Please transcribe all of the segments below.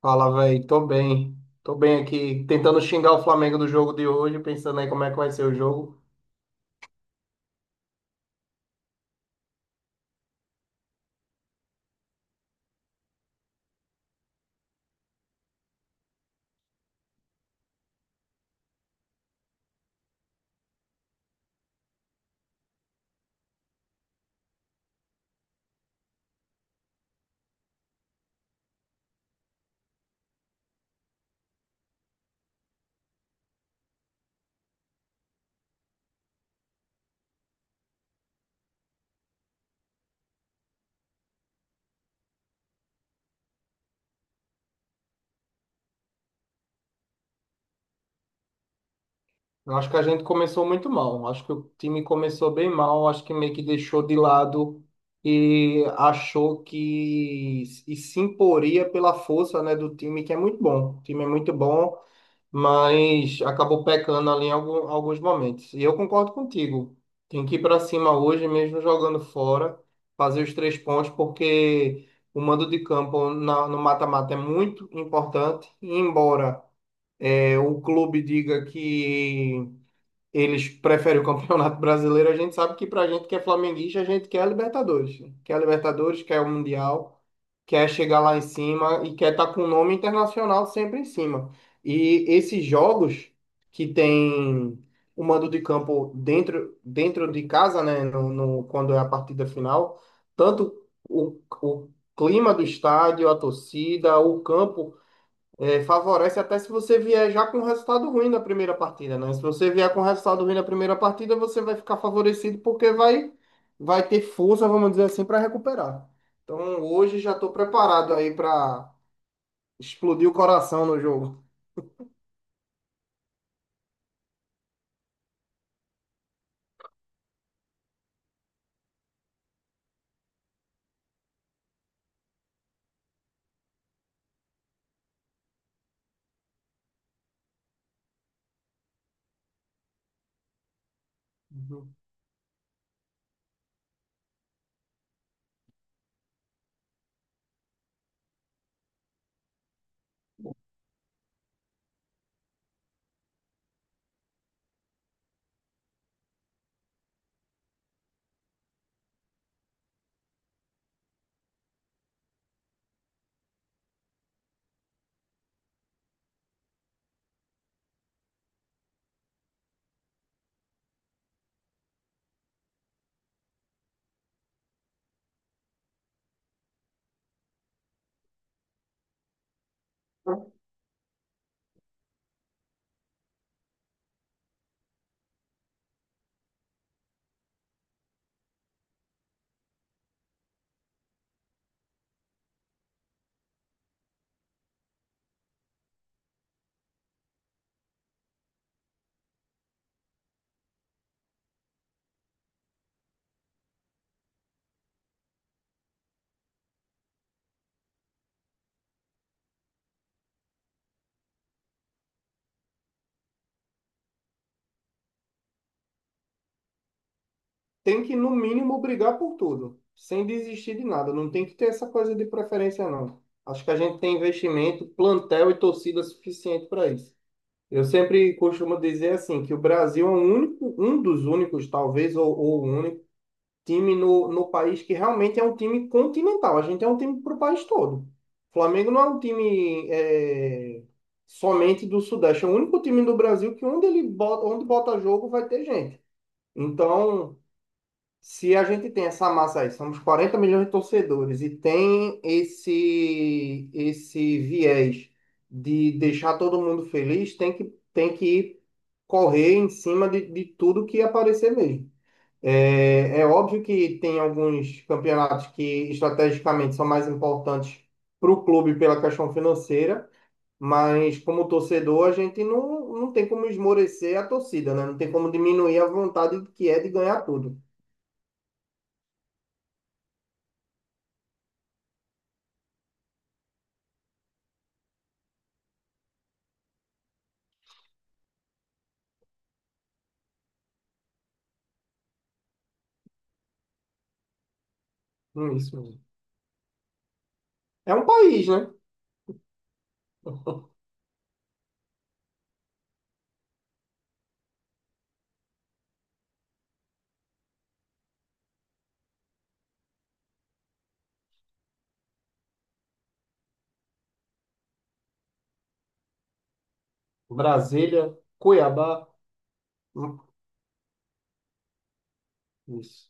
Fala, velho. Tô bem. Tô bem aqui, tentando xingar o Flamengo do jogo de hoje, pensando aí como é que vai ser o jogo. Eu acho que a gente começou muito mal. Acho que o time começou bem mal. Acho que meio que deixou de lado e achou que e se imporia pela força, né, do time, que é muito bom. O time é muito bom, mas acabou pecando ali em alguns momentos. E eu concordo contigo. Tem que ir para cima hoje, mesmo jogando fora, fazer os três pontos, porque o mando de campo no mata-mata é muito importante. E embora o clube diga que eles preferem o Campeonato Brasileiro, a gente sabe que pra gente que é flamenguista, a gente quer a Libertadores, né? Quer a Libertadores, quer o Mundial, quer chegar lá em cima e quer estar com o nome internacional sempre em cima. E esses jogos que tem o mando de campo dentro, de casa, né, quando é a partida final, tanto o clima do estádio, a torcida, o campo favorece até se você vier já com um resultado ruim na primeira partida, né? Se você vier com um resultado ruim na primeira partida, você vai ficar favorecido porque vai ter força, vamos dizer assim, para recuperar. Então hoje já estou preparado aí para explodir o coração no jogo. Uhum. Tem que, no mínimo, brigar por tudo, sem desistir de nada. Não tem que ter essa coisa de preferência, não. Acho que a gente tem investimento, plantel e torcida suficiente para isso. Eu sempre costumo dizer assim, que o Brasil é um único, um dos únicos, talvez, ou o único time no país que realmente é um time continental. A gente é um time para o país todo. O Flamengo não é um time somente do Sudeste, é o único time do Brasil que onde ele bota, onde bota jogo vai ter gente. Então, se a gente tem essa massa aí, somos 40 milhões de torcedores e tem esse viés de deixar todo mundo feliz, tem que correr em cima de tudo que aparecer mesmo. É, é óbvio que tem alguns campeonatos que estrategicamente são mais importantes para o clube pela questão financeira, mas como torcedor a gente não tem como esmorecer a torcida, né? Não tem como diminuir a vontade que é de ganhar tudo. Hum. Isso. É um país, né? Brasília, Cuiabá. Hum. Isso.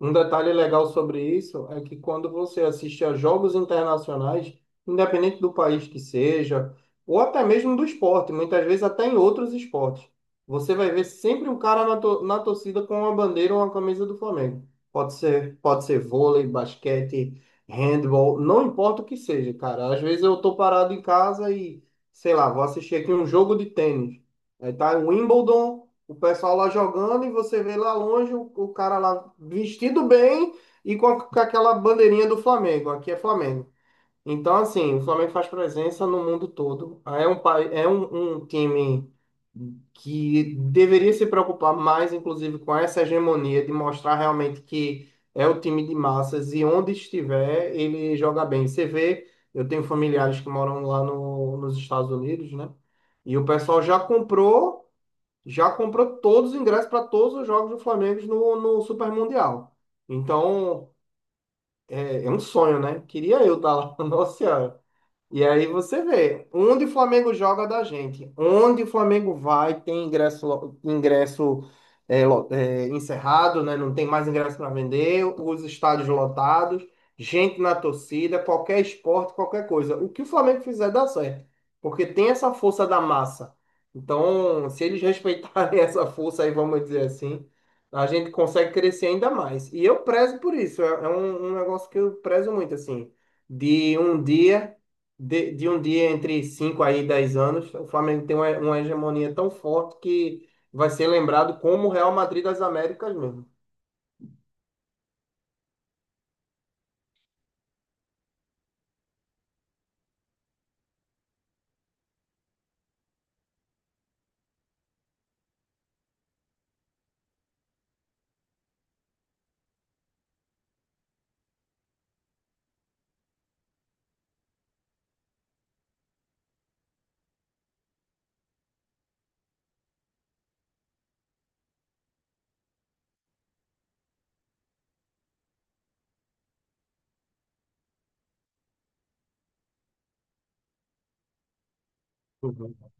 Um detalhe legal sobre isso é que quando você assiste a jogos internacionais, independente do país que seja, ou até mesmo do esporte, muitas vezes até em outros esportes, você vai ver sempre um cara na torcida com uma bandeira ou uma camisa do Flamengo. Pode ser vôlei, basquete, handball, não importa o que seja, cara. Às vezes eu tô parado em casa e, sei lá, vou assistir aqui um jogo de tênis. Aí tá Wimbledon. O pessoal lá jogando e você vê lá longe o cara lá vestido bem e com aquela bandeirinha do Flamengo. Aqui é Flamengo. Então, assim, o Flamengo faz presença no mundo todo. É um, é um, um time que deveria se preocupar mais, inclusive, com essa hegemonia de mostrar realmente que é o time de massas e onde estiver, ele joga bem. Você vê, eu tenho familiares que moram lá no, nos Estados Unidos, né? E o pessoal já comprou todos os ingressos para todos os jogos do Flamengo no Super Mundial. Então, é, é um sonho, né? Queria eu estar lá. Nossa Senhora. E aí você vê, onde o Flamengo joga da gente, onde o Flamengo vai, tem ingresso, ingresso encerrado, né? Não tem mais ingresso para vender, os estádios lotados, gente na torcida, qualquer esporte, qualquer coisa. O que o Flamengo fizer dá certo, porque tem essa força da massa. Então, se eles respeitarem essa força aí, vamos dizer assim, a gente consegue crescer ainda mais. E eu prezo por isso, é, é um negócio que eu prezo muito, assim de um dia de um dia entre 5 aí e 10 anos, o Flamengo tem uma hegemonia tão forte que vai ser lembrado como o Real Madrid das Américas mesmo. Uhum.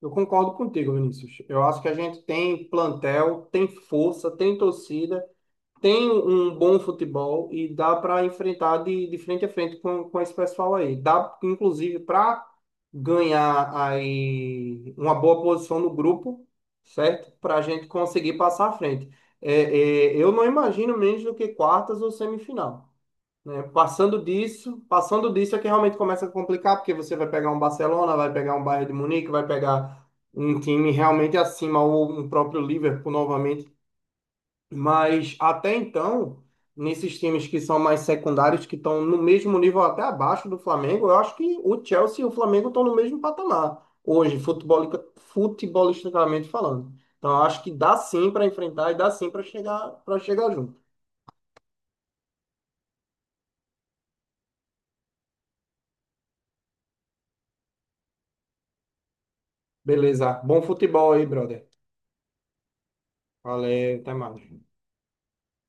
Eu concordo contigo, Vinícius. Eu acho que a gente tem plantel, tem força, tem torcida, tem um bom futebol e dá para enfrentar de frente a frente com esse pessoal aí. Dá, inclusive, para ganhar aí uma boa posição no grupo, certo? Para a gente conseguir passar à frente. É, é, eu não imagino menos do que quartas ou semifinal. Né? Passando disso é que realmente começa a complicar, porque você vai pegar um Barcelona, vai pegar um Bayern de Munique, vai pegar um time realmente acima, ou um próprio Liverpool novamente. Mas até então, nesses times que são mais secundários, que estão no mesmo nível até abaixo do Flamengo, eu acho que o Chelsea e o Flamengo estão no mesmo patamar hoje, futebol, futebolisticamente falando. Então, eu acho que dá sim para enfrentar e dá sim para chegar junto. Beleza. Bom futebol aí, brother. Valeu, até mais.